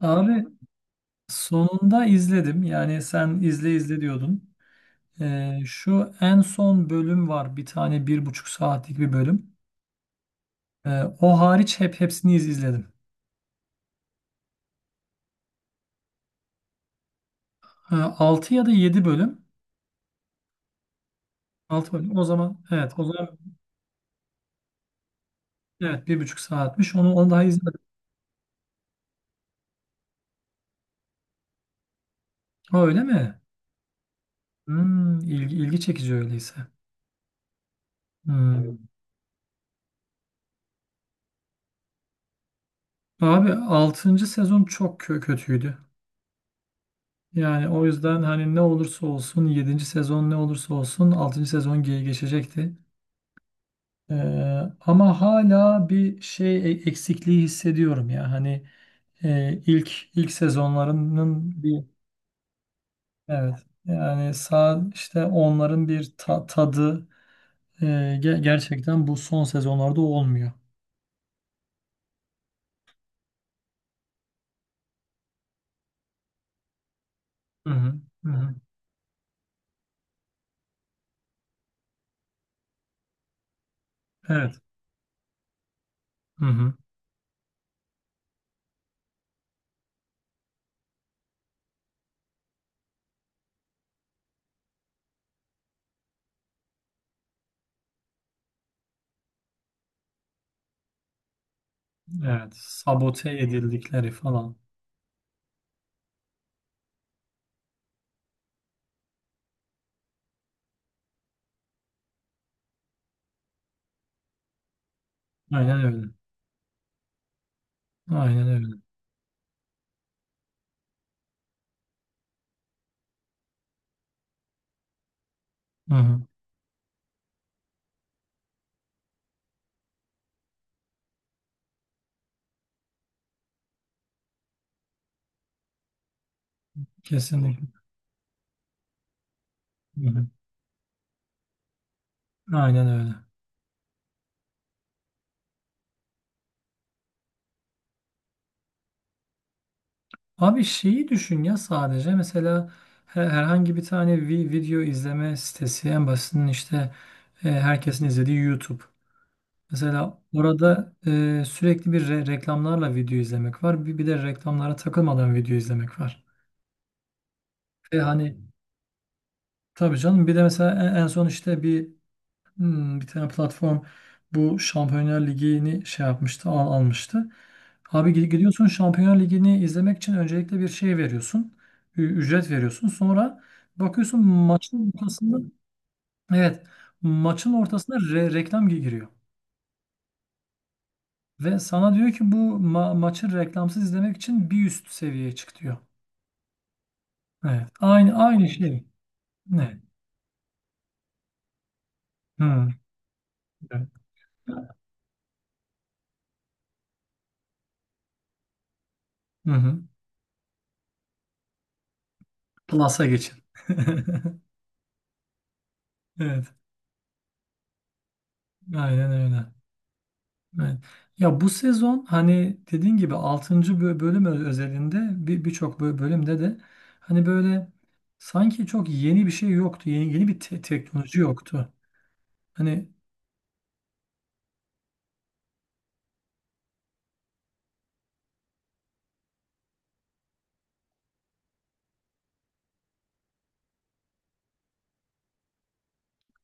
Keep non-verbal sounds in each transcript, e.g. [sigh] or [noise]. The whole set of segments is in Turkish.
Abi sonunda izledim. Yani sen izle izle diyordun. Şu en son bölüm var. Bir tane bir buçuk saatlik bir bölüm. O hariç hepsini izledim. Ha, 6 ya da 7 bölüm. 6 bölüm. O zaman, evet, bir buçuk saatmiş. Onu daha izledim. Ha, öyle mi? Hmm, ilgi çekici öyleyse. Hmm. Evet. Abi altıncı sezon çok kötüydü. Yani o yüzden hani ne olursa olsun yedinci sezon ne olursa olsun altıncı sezon geçecekti. Ee, ama hala bir şey eksikliği hissediyorum ya. Hani ilk sezonlarının bir evet, yani sağ işte onların bir tadı e, gerçekten bu son sezonlarda olmuyor. Hı hı, hı hı. Evet. Hı hı, evet. Sabote edildikleri falan. Aynen öyle. Aynen öyle. Hı hı. Kesinlikle. Hı hı. Aynen öyle. Abi şeyi düşün ya, sadece mesela herhangi bir tane video izleme sitesi en basitinin işte, herkesin izlediği YouTube. Mesela orada sürekli bir reklamlarla video izlemek var. Bir de reklamlara takılmadan video izlemek var. Ve hani tabii canım, bir de mesela en son işte bir tane platform bu Şampiyonlar Ligi'ni şey yapmıştı, almıştı. Abi gidiyorsun Şampiyonlar Ligi'ni izlemek için öncelikle bir şey veriyorsun. Ücret veriyorsun. Sonra bakıyorsun maçın ortasında, evet, maçın ortasında reklam giriyor. Ve sana diyor ki bu maçı reklamsız izlemek için bir üst seviyeye çık diyor. Evet. Aynı aynı şey. Ne? Hmm. Evet. Hı hı. Plus'a geçin. [laughs] Evet. Aynen öyle. Evet. Ya bu sezon hani dediğin gibi altıncı bölüm özelinde birçok bölümde de hani böyle sanki çok yeni bir şey yoktu. Yeni yeni bir teknoloji yoktu. Hani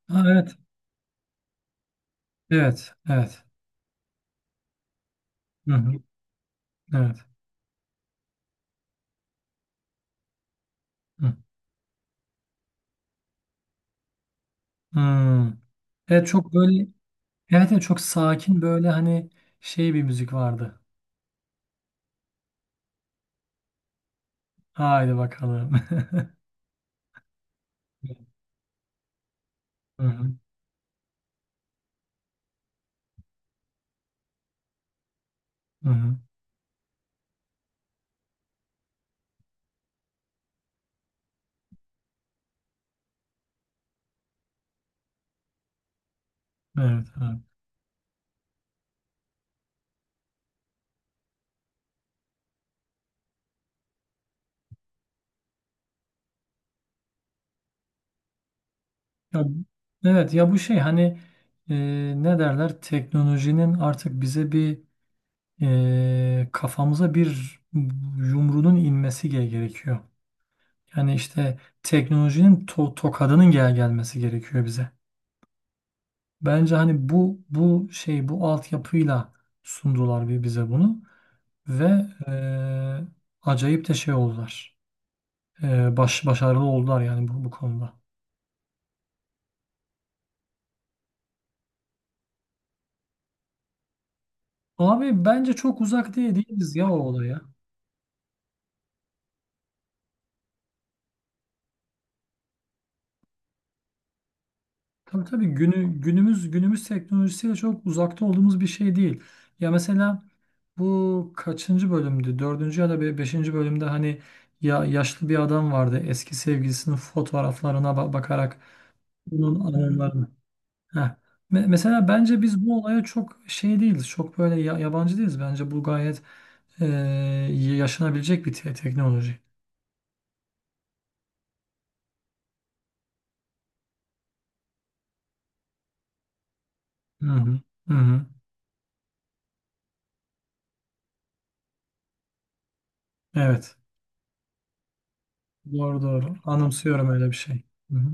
ha, evet. Evet. Evet. Hı hı. Evet. Hı. Hmm. Evet, çok böyle evet, evet çok sakin böyle hani şey bir müzik vardı. Haydi bakalım. [laughs] Hı hı. Hı hı. Evet. Evet. Ya, evet, ya bu şey hani e, ne derler, teknolojinin artık bize bir, kafamıza bir yumruğunun inmesi gerekiyor. Yani işte teknolojinin tokadının gelmesi gerekiyor bize. Bence hani bu şey, bu altyapıyla sundular bize bunu ve acayip de şey oldular. Başarılı oldular yani bu konuda. Abi bence çok uzak değil değiliz ya o olaya. Tabii tabii, günümüz teknolojisiyle çok uzakta olduğumuz bir şey değil. Ya mesela bu kaçıncı bölümdü? Dördüncü ya da beşinci bölümde hani ya yaşlı bir adam vardı. Eski sevgilisinin fotoğraflarına bakarak bunun anılarını. Heh. Mesela bence biz bu olaya çok şey değiliz. Çok böyle yabancı değiliz. Bence bu gayet eee, yaşanabilecek bir teknoloji. Hı hı. Hı hı. Evet. Doğru doğru. Anımsıyorum öyle bir şey. Hı hı.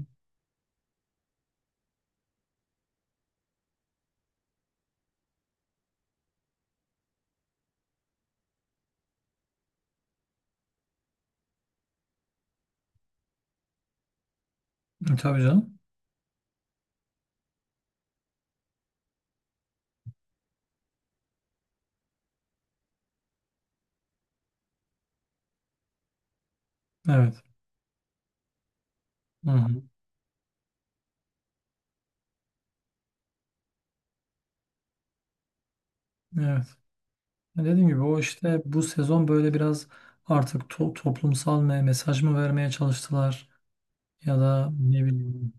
Tabii canım. Evet. Hı hı. Evet. Ya, dediğim gibi o işte bu sezon böyle biraz artık toplumsal mesaj mı vermeye çalıştılar ya da ne bileyim,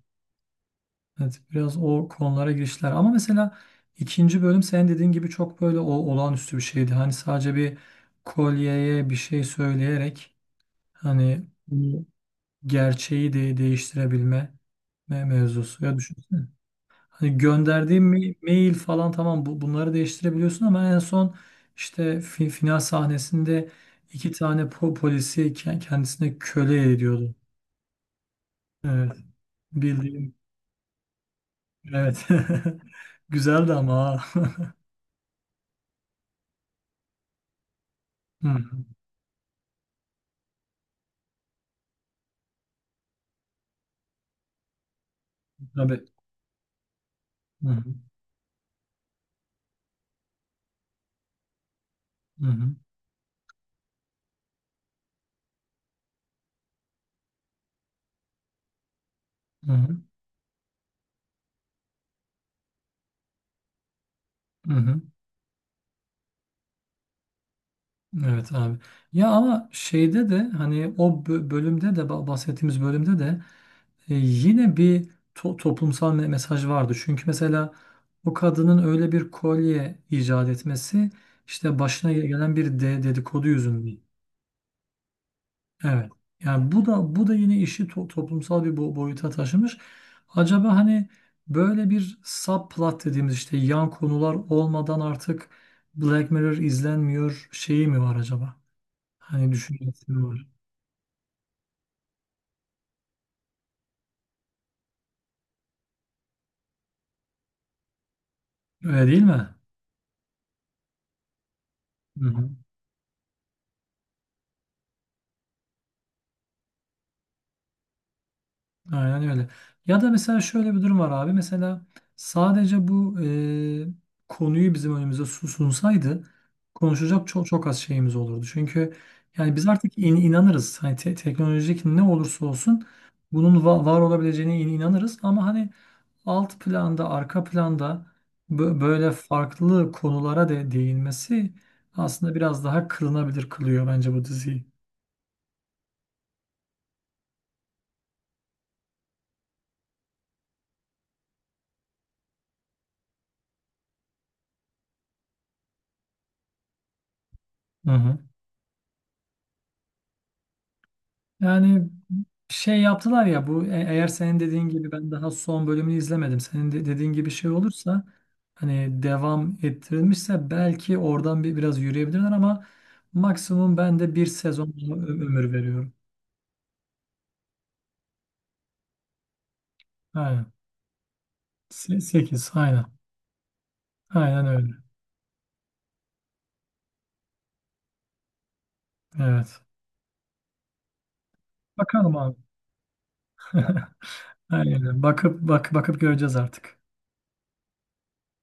evet, biraz o konulara girişler. Ama mesela ikinci bölüm senin dediğin gibi çok böyle olağanüstü bir şeydi. Hani sadece bir kolyeye bir şey söyleyerek hani bunu, gerçeği de değiştirebilme mevzusu. Ya düşün. Hani gönderdiğin mail falan, tamam, bunları değiştirebiliyorsun ama en son işte final sahnesinde iki tane polisi kendisine köle ediyordu. Evet. Bildiğim. Evet. [laughs] Güzeldi ama. Ha. Hı hı. Tabii. Hı hı. Hı hı. Hı hı. Hı hı. Evet abi. Ya ama şeyde de hani o bölümde de bahsettiğimiz bölümde de yine bir toplumsal mesaj vardı. Çünkü mesela o kadının öyle bir kolye icat etmesi işte başına gelen bir de dedikodu yüzünden. Evet. Yani bu da yine işi toplumsal bir boyuta taşımış. Acaba hani böyle bir subplot dediğimiz işte yan konular olmadan artık Black Mirror izlenmiyor şeyi mi var acaba? Hani düşüncesi var. Öyle değil mi? Hı hı. Aynen öyle. Ya da mesela şöyle bir durum var abi. Mesela sadece bu konuyu bizim önümüze sunsaydı konuşacak çok çok az şeyimiz olurdu. Çünkü yani biz artık inanırız. Hani teknolojik ne olursa olsun bunun var olabileceğine inanırız. Ama hani alt planda, arka planda böyle farklı konulara değinmesi aslında biraz daha kılınabilir kılıyor bence bu diziyi. Hı hı. Yani şey yaptılar ya bu, eğer senin dediğin gibi, ben daha son bölümünü izlemedim. Senin de dediğin gibi şey olursa hani devam ettirilmişse belki oradan biraz yürüyebilirler ama maksimum ben de bir sezon ömür veriyorum. Aynen. Sekiz, aynen. Aynen öyle. Evet. Bakalım abi. [laughs] Aynen. Bakıp göreceğiz artık.